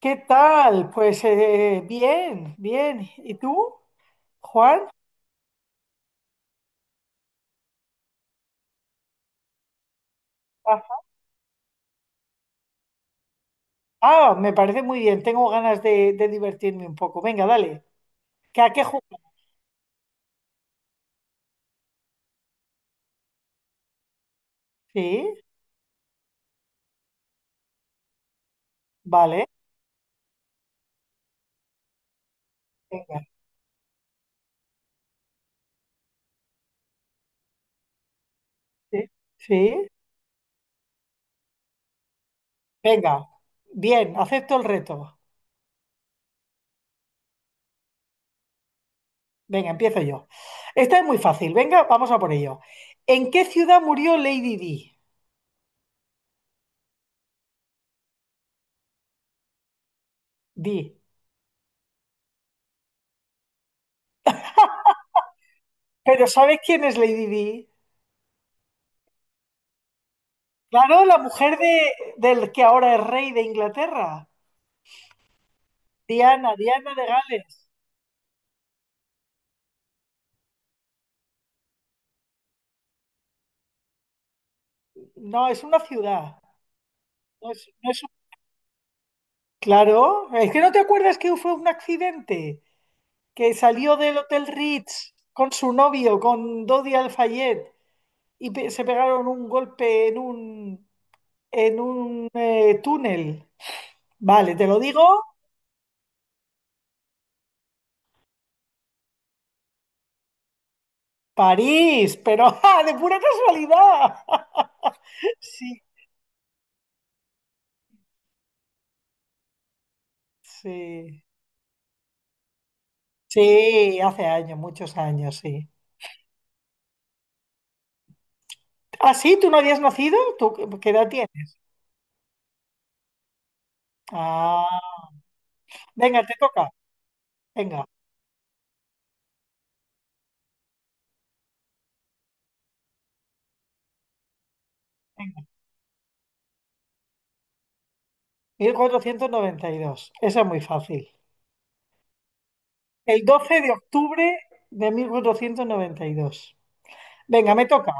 ¿Qué tal? Pues bien, bien. ¿Y tú, Juan? Ah, ah, me parece muy bien. Tengo ganas de divertirme un poco. Venga, dale. ¿Qué? ¿A qué jugar? Sí, vale. Venga, sí, sí. Venga, bien, acepto el reto. Venga, empiezo yo. Esta es muy fácil. Venga, vamos a por ello. ¿En qué ciudad murió Lady Di? Di. ¿Pero sabes quién es Lady Di? Claro, la mujer de, del que ahora es rey de Inglaterra. Diana, Diana de Gales. No, es una ciudad. No es, no es un- Claro, es que no te acuerdas que fue un accidente, que salió del Hotel Ritz con su novio, con Dodi Al-Fayed, y se pegaron un golpe en un túnel. Vale, te lo digo, París, pero ¡ja!, de pura casualidad. Sí, sí. Sí, hace años, muchos años, sí. Ah, sí, ¿tú no habías nacido? ¿Tú qué edad tienes? Ah, venga, te toca. Venga. 1492. Eso es muy fácil. El 12 de octubre de 1492. Venga, me toca,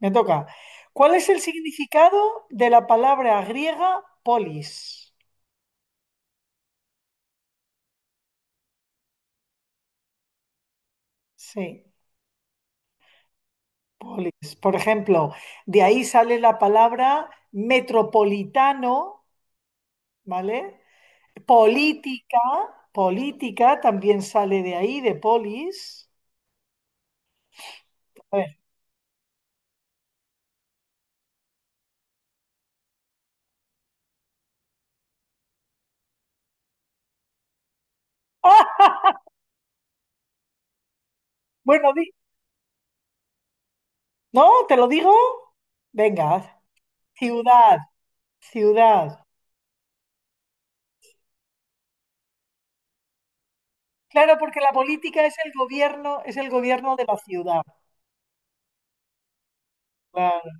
me toca. ¿Cuál es el significado de la palabra griega polis? Sí, polis. Por ejemplo, de ahí sale la palabra metropolitano, ¿vale? Política, política también sale de ahí, de polis. A ver. ¡Ah! Bueno, ¿no? ¿Te lo digo? Venga, Ciudad, ciudad. Claro, porque la política es el gobierno de la ciudad. Claro.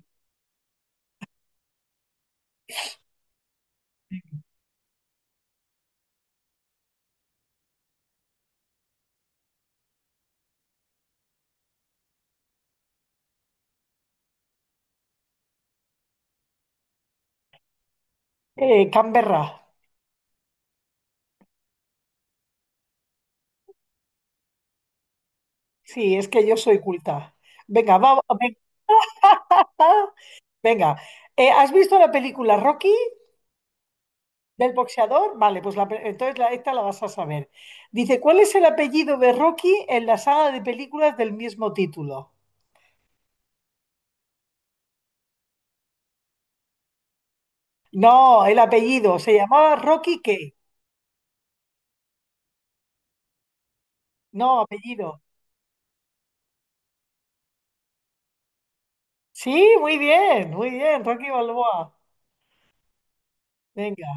Canberra. Sí, es que yo soy culta. Venga, vamos. Venga. ¿Has visto la película Rocky del boxeador? Vale, pues la pe- entonces la- esta la vas a saber. Dice, ¿cuál es el apellido de Rocky en la saga de películas del mismo título? No, el apellido. ¿Se llamaba Rocky qué? No, apellido. Sí, muy bien, Rocky Balboa. Venga,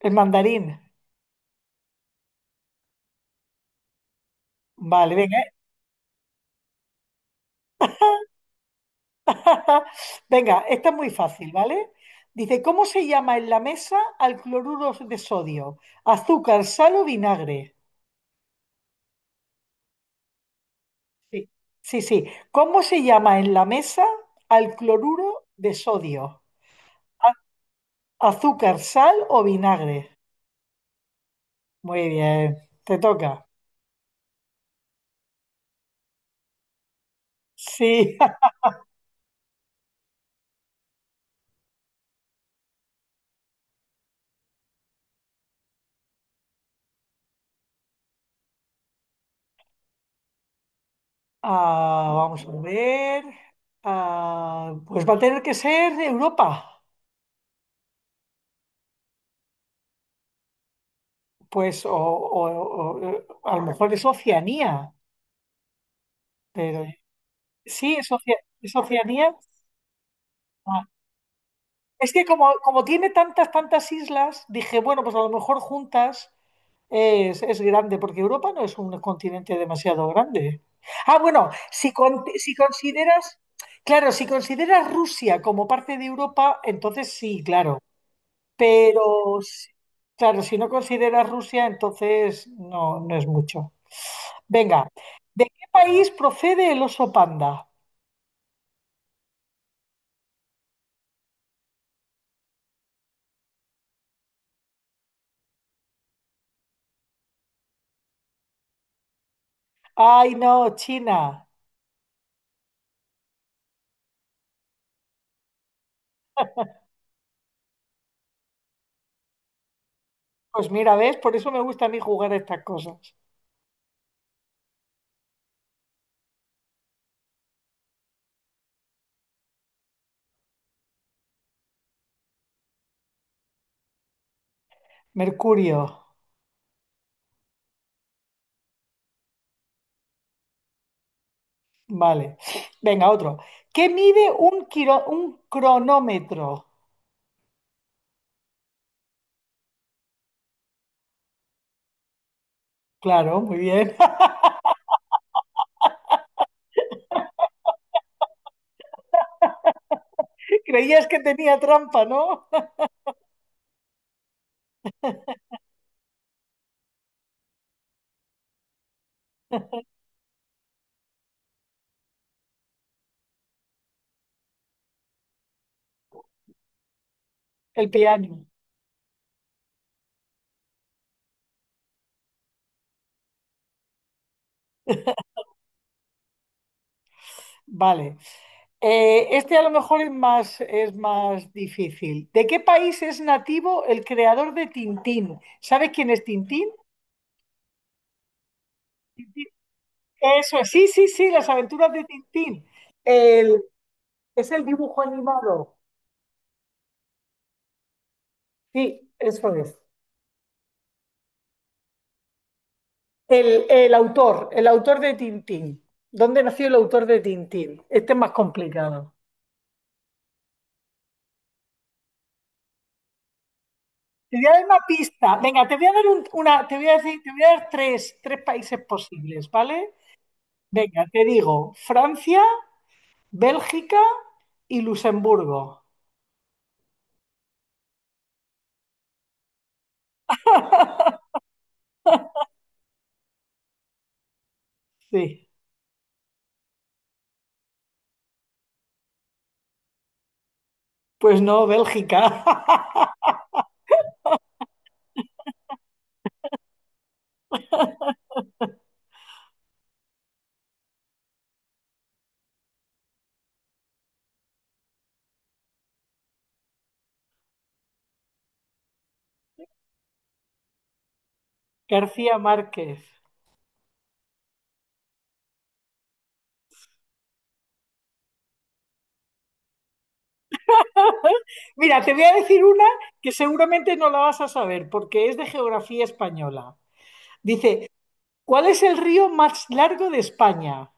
el mandarín. Vale, venga. Venga, esta es muy fácil, ¿vale? Dice, ¿cómo se llama en la mesa al cloruro de sodio? ¿Azúcar, sal o vinagre? Sí, sí, sí. ¿Cómo se llama en la mesa al cloruro de sodio? A- ¿Azúcar, sal o vinagre? Muy bien, te toca. Sí. Ah, vamos a ver. Ah, pues va a tener que ser Europa. Pues, a lo mejor es Oceanía, pero sí, es Oceanía. Ah, es que como, como tiene tantas, tantas islas, dije, bueno, pues a lo mejor juntas es grande, porque Europa no es un continente demasiado grande. Ah, bueno, si consideras, claro, si consideras Rusia como parte de Europa, entonces sí, claro. Pero, si- claro, si no consideras Rusia, entonces no, no es mucho. Venga, ¿de qué país procede el oso panda? Ay, no, China. Pues mira, ¿ves? Por eso me gusta a mí jugar a estas cosas. Mercurio. Vale. Venga, otro. ¿Qué mide un, un cronómetro? Claro, muy bien. Creías que tenía trampa, ¿no? El piano. Vale. Este a lo mejor es más difícil. ¿De qué país es nativo el creador de Tintín? ¿Sabes quién es Tintín? Eso es, sí, sí, sí, las aventuras de Tintín. El- es el dibujo animado. Sí, eso es. El autor de Tintín. ¿Dónde nació el autor de Tintín? Este es más complicado. Te voy a dar una pista. Venga, te voy a dar un- una, te voy a decir, te voy a dar tres, tres países posibles, ¿vale? Venga, te digo, Francia, Bélgica y Luxemburgo. Sí. Pues no, Bélgica. García Márquez. Mira, te voy a decir una que seguramente no la vas a saber porque es de geografía española. Dice, ¿cuál es el río más largo de España?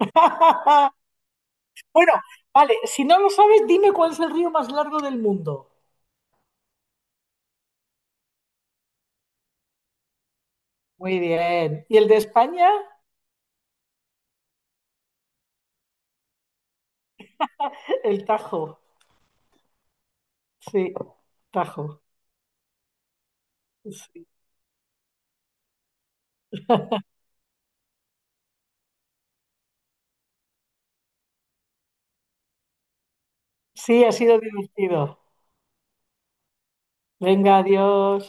Bueno, vale, si no lo sabes, dime cuál es el río más largo del mundo. Muy bien. ¿Y el de España? El Tajo. Sí, Tajo. Sí, sí, ha sido divertido. Venga, adiós.